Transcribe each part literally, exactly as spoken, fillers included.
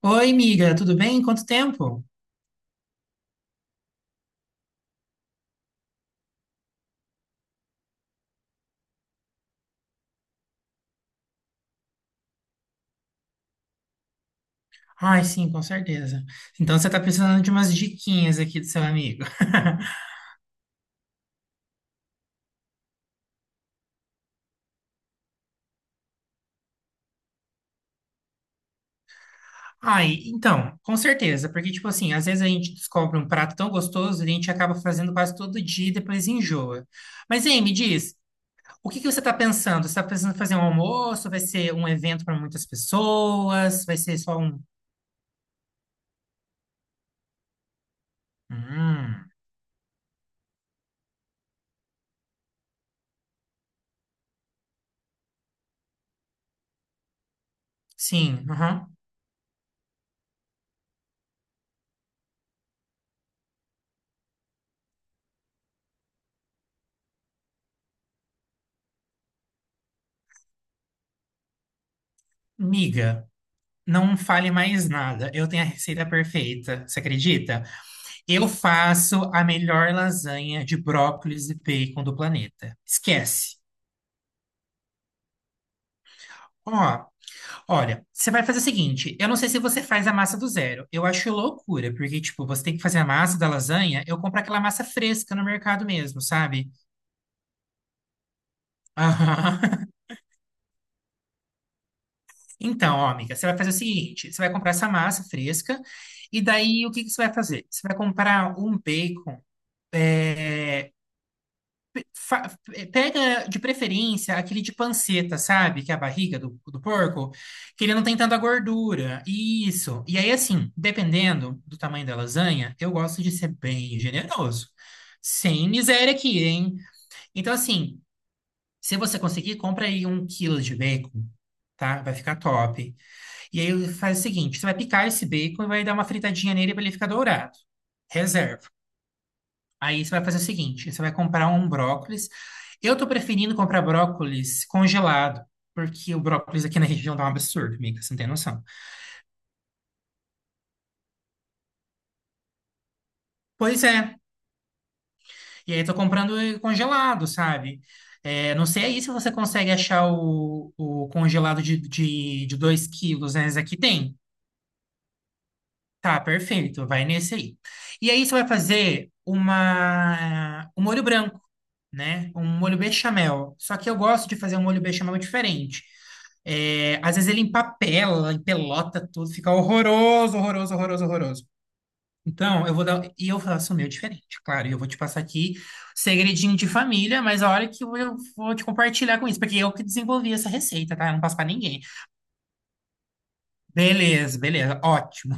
Oi, amiga, tudo bem? Quanto tempo? Ai, sim, com certeza. Então você tá precisando de umas diquinhas aqui do seu amigo. Ai, então, com certeza, porque tipo assim, às vezes a gente descobre um prato tão gostoso e a gente acaba fazendo quase todo dia e depois enjoa. Mas aí, me diz, o que que você tá pensando? Você tá pensando em fazer um almoço? Vai ser um evento para muitas pessoas? Vai ser só um. Hum, sim, aham. Miga, não fale mais nada. Eu tenho a receita perfeita. Você acredita? Eu faço a melhor lasanha de brócolis e bacon do planeta. Esquece. Ó, olha, você vai fazer o seguinte, eu não sei se você faz a massa do zero. Eu acho loucura, porque tipo, você tem que fazer a massa da lasanha, eu compro aquela massa fresca no mercado mesmo, sabe? Aham. Então, ó, amiga, você vai fazer o seguinte, você vai comprar essa massa fresca e daí o que que você vai fazer? Você vai comprar um bacon eh, fa- pega de preferência aquele de panceta, sabe? Que é a barriga do, do porco, que ele não tem tanta gordura. Isso. E aí, assim, dependendo do tamanho da lasanha, eu gosto de ser bem generoso. Sem miséria aqui, hein? Então, assim, se você conseguir, compra aí um quilo de bacon, tá? Vai ficar top. E aí faz o seguinte: você vai picar esse bacon e vai dar uma fritadinha nele para ele ficar dourado. Reserva. Aí você vai fazer o seguinte: você vai comprar um brócolis. Eu tô preferindo comprar brócolis congelado, porque o brócolis aqui na região dá um absurdo, amiga, você não tem noção. Pois é. E aí tô comprando ele congelado, sabe? É, não sei aí se você consegue achar o, o congelado de, de, de dois quilos, né? Esse aqui tem. Tá, perfeito. Vai nesse aí. E aí você vai fazer uma, um molho branco. Né? Um molho bechamel. Só que eu gosto de fazer um molho bechamel diferente. É, às vezes ele empapela, empelota tudo, fica horroroso, horroroso, horroroso, horroroso. Então, eu vou dar. E eu faço o meu diferente, claro. E eu vou te passar aqui segredinho de família, mas a hora que eu eu vou te compartilhar com isso, porque eu que desenvolvi essa receita, tá? Eu não passo pra ninguém. Beleza, beleza, ótimo.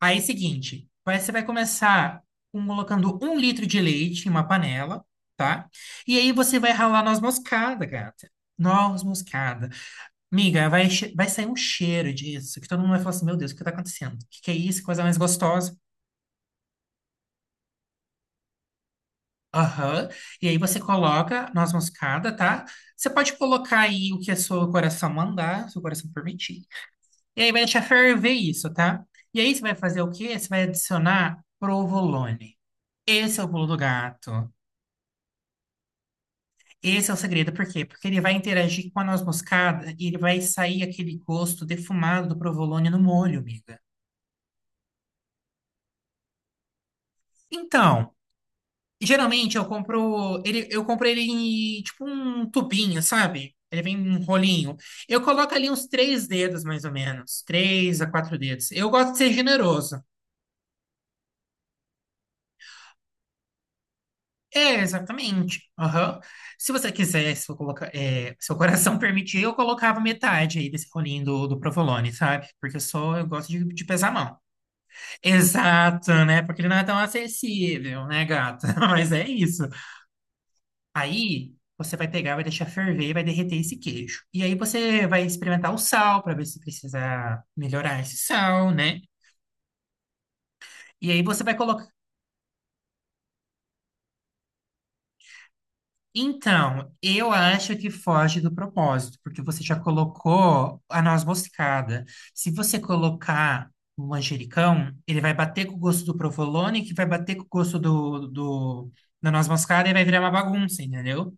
Aí, é o seguinte, vai- você vai começar com- colocando um litro de leite em uma panela, tá? E aí você vai ralar noz moscada, gata. Noz moscada. Miga, vai, che- vai sair um cheiro disso, que todo mundo vai falar assim, meu Deus, o que tá acontecendo? O que que é isso? Que coisa mais gostosa. Aham. E aí você coloca noz moscada, tá? Você pode colocar aí o que o seu coração mandar, seu coração permitir. E aí vai deixar ferver isso, tá? E aí você vai fazer o quê? Você vai adicionar provolone. Esse é o pulo do gato. Esse é o segredo, por quê? Porque ele vai interagir com a noz moscada e ele vai sair aquele gosto defumado do provolone no molho, amiga. Então, geralmente eu compro ele, eu compro ele em tipo um tubinho, sabe? Ele vem em um rolinho. Eu coloco ali uns três dedos, mais ou menos. Três a quatro dedos. Eu gosto de ser generoso. É, exatamente. Aham. Se você quiser, se eu colocar, é, seu coração permitir, eu colocava metade aí desse rolinho do, do provolone, sabe? Porque eu sou, eu gosto de, de pesar a mão. Exato, né? Porque ele não é tão acessível, né, gata? Mas é isso. Aí você vai pegar, vai deixar ferver, e vai derreter esse queijo. E aí você vai experimentar o sal para ver se precisa melhorar esse sal, né? E aí você vai colocar. Então, eu acho que foge do propósito, porque você já colocou a noz moscada. Se você colocar o manjericão, ele vai bater com o gosto do provolone, que vai bater com o gosto do, do, da noz moscada e vai virar uma bagunça, entendeu?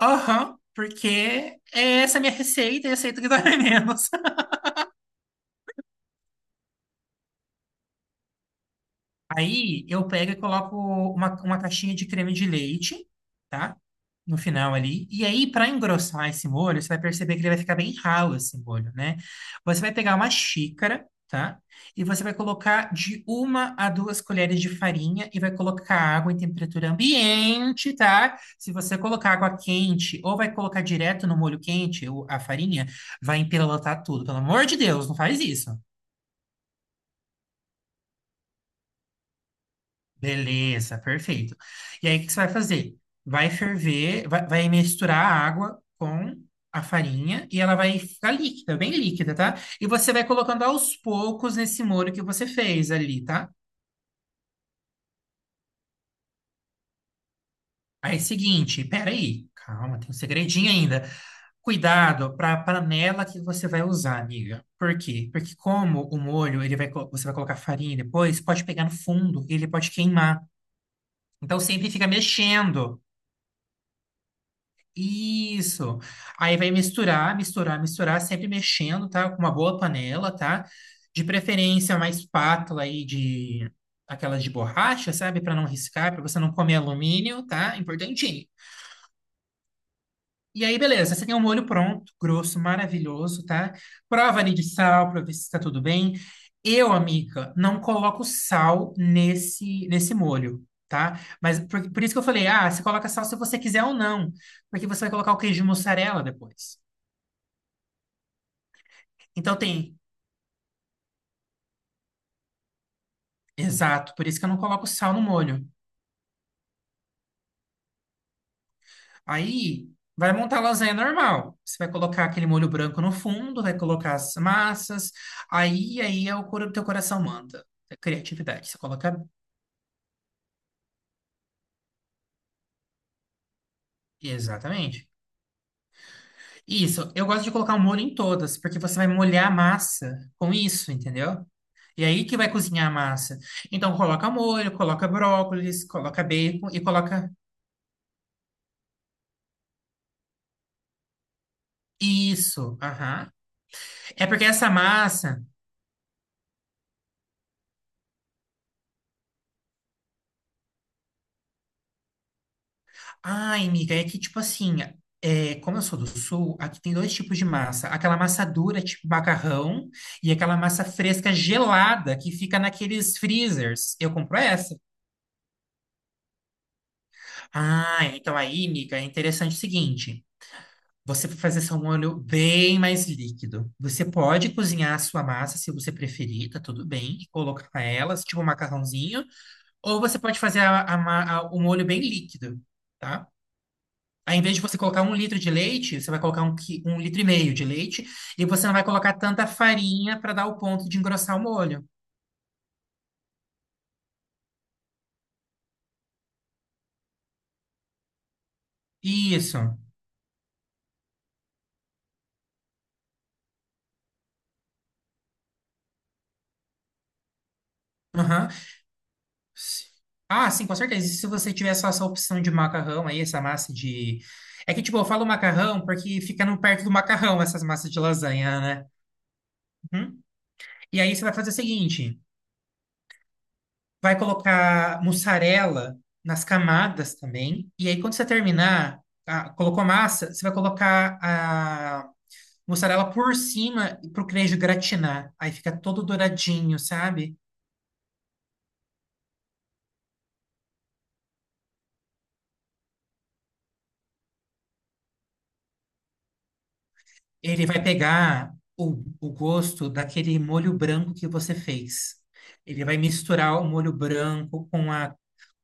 Aham, porque é essa é a minha receita e aceito que dói menos. Aí eu pego e coloco uma, uma caixinha de creme de leite, tá? No final ali. E aí, para engrossar esse molho, você vai perceber que ele vai ficar bem ralo esse molho, né? Você vai pegar uma xícara, tá? E você vai colocar de uma a duas colheres de farinha e vai colocar água em temperatura ambiente, tá? Se você colocar água quente ou vai colocar direto no molho quente, o- a farinha, vai empelotar tudo. Pelo amor de Deus, não faz isso. Beleza, perfeito. E aí, o que você vai fazer? Vai ferver, vai, vai, misturar a água com a farinha e ela vai ficar líquida, bem líquida, tá? E você vai colocando aos poucos nesse molho que você fez ali, tá? Aí, seguinte, peraí, calma, tem um segredinho ainda. Cuidado para a panela que você vai usar, amiga. Por quê? Porque como o molho, ele vai, co- você vai colocar farinha depois, pode pegar no fundo, ele pode queimar. Então sempre fica mexendo. Isso. Aí vai misturar, misturar, misturar, sempre mexendo, tá? Com uma boa panela, tá? De preferência, uma espátula aí de aquelas de borracha, sabe? Para não riscar, para você não comer alumínio, tá? Importantinho. E aí, beleza, você tem um molho pronto, grosso, maravilhoso, tá? Prova ali de sal pra ver se tá tudo bem. Eu, amiga, não coloco sal nesse nesse molho, tá? Mas por, por isso que eu falei, ah, você coloca sal se você quiser ou não, porque você vai colocar o queijo mussarela depois. Então tem, exato, por isso que eu não coloco sal no molho. Aí vai montar a lasanha normal. Você vai colocar aquele molho branco no fundo, vai colocar as massas, aí aí é o cor- teu coração manda. É criatividade, você coloca exatamente. Isso, eu gosto de colocar o molho em todas, porque você vai molhar a massa com isso, entendeu? E aí que vai cozinhar a massa. Então coloca molho, coloca brócolis, coloca bacon e coloca isso. Aham. É porque essa massa. Ai, amiga, é que tipo assim, é, como eu sou do sul, aqui tem dois tipos de massa. Aquela massa dura, tipo macarrão, e aquela massa fresca gelada que fica naqueles freezers. Eu compro essa. Ah, então aí, amiga, é interessante o seguinte. Você vai fazer só um molho bem mais líquido. Você pode cozinhar a sua massa se você preferir, tá tudo bem, e colocar ela, tipo um macarrãozinho, ou você pode fazer a- a ma- a- o molho bem líquido, tá? Aí, em vez de você colocar um litro de leite, você vai colocar um, qui- um litro e meio de leite, e você não vai colocar tanta farinha para dar o ponto de engrossar o molho. Isso. Aham, S- ah, sim, com certeza. E se você tiver só essa opção de macarrão aí, essa massa de. É que, tipo, eu falo macarrão porque fica no perto do macarrão essas massas de lasanha, né? Uhum. E aí você vai fazer o seguinte: vai colocar mussarela nas camadas também. E aí, quando você terminar, ah, colocou massa, você vai colocar a mussarela por cima para o queijo gratinar. Aí fica todo douradinho, sabe? Ele vai pegar o, o gosto daquele molho branco que você fez. Ele vai misturar o molho branco com a,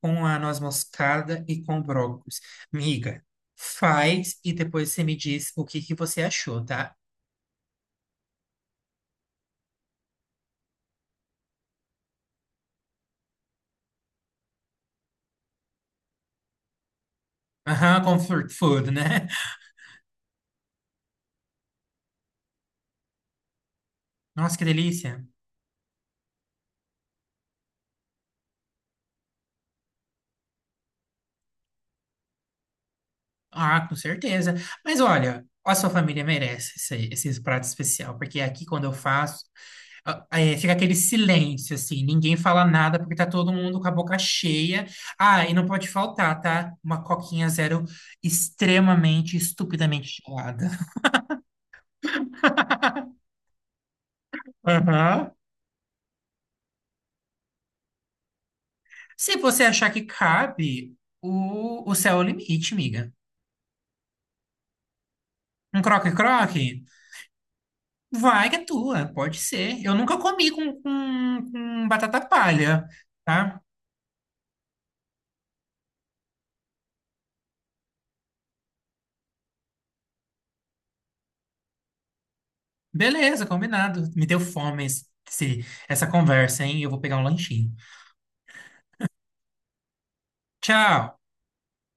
com a noz moscada e com o brócolis. Miga, faz e depois você me diz o que que você achou, tá? Aham, com comfort food, né? Nossa, que delícia. Ah, com certeza. Mas olha, a sua família merece esse, esses pratos especial, porque é aqui quando eu faço, ah, é, fica aquele silêncio, assim, ninguém fala nada, porque tá todo mundo com a boca cheia. Ah, e não pode faltar, tá? Uma coquinha zero extremamente, estupidamente gelada. Aham. Se você achar que cabe, o, o céu é o limite, miga. Um croque-croque? Vai que é tua, pode ser. Eu nunca comi com, com, com batata palha. Tá? Beleza, combinado. Me deu fome esse, esse- essa conversa, hein? Eu vou pegar um lanchinho. Tchau!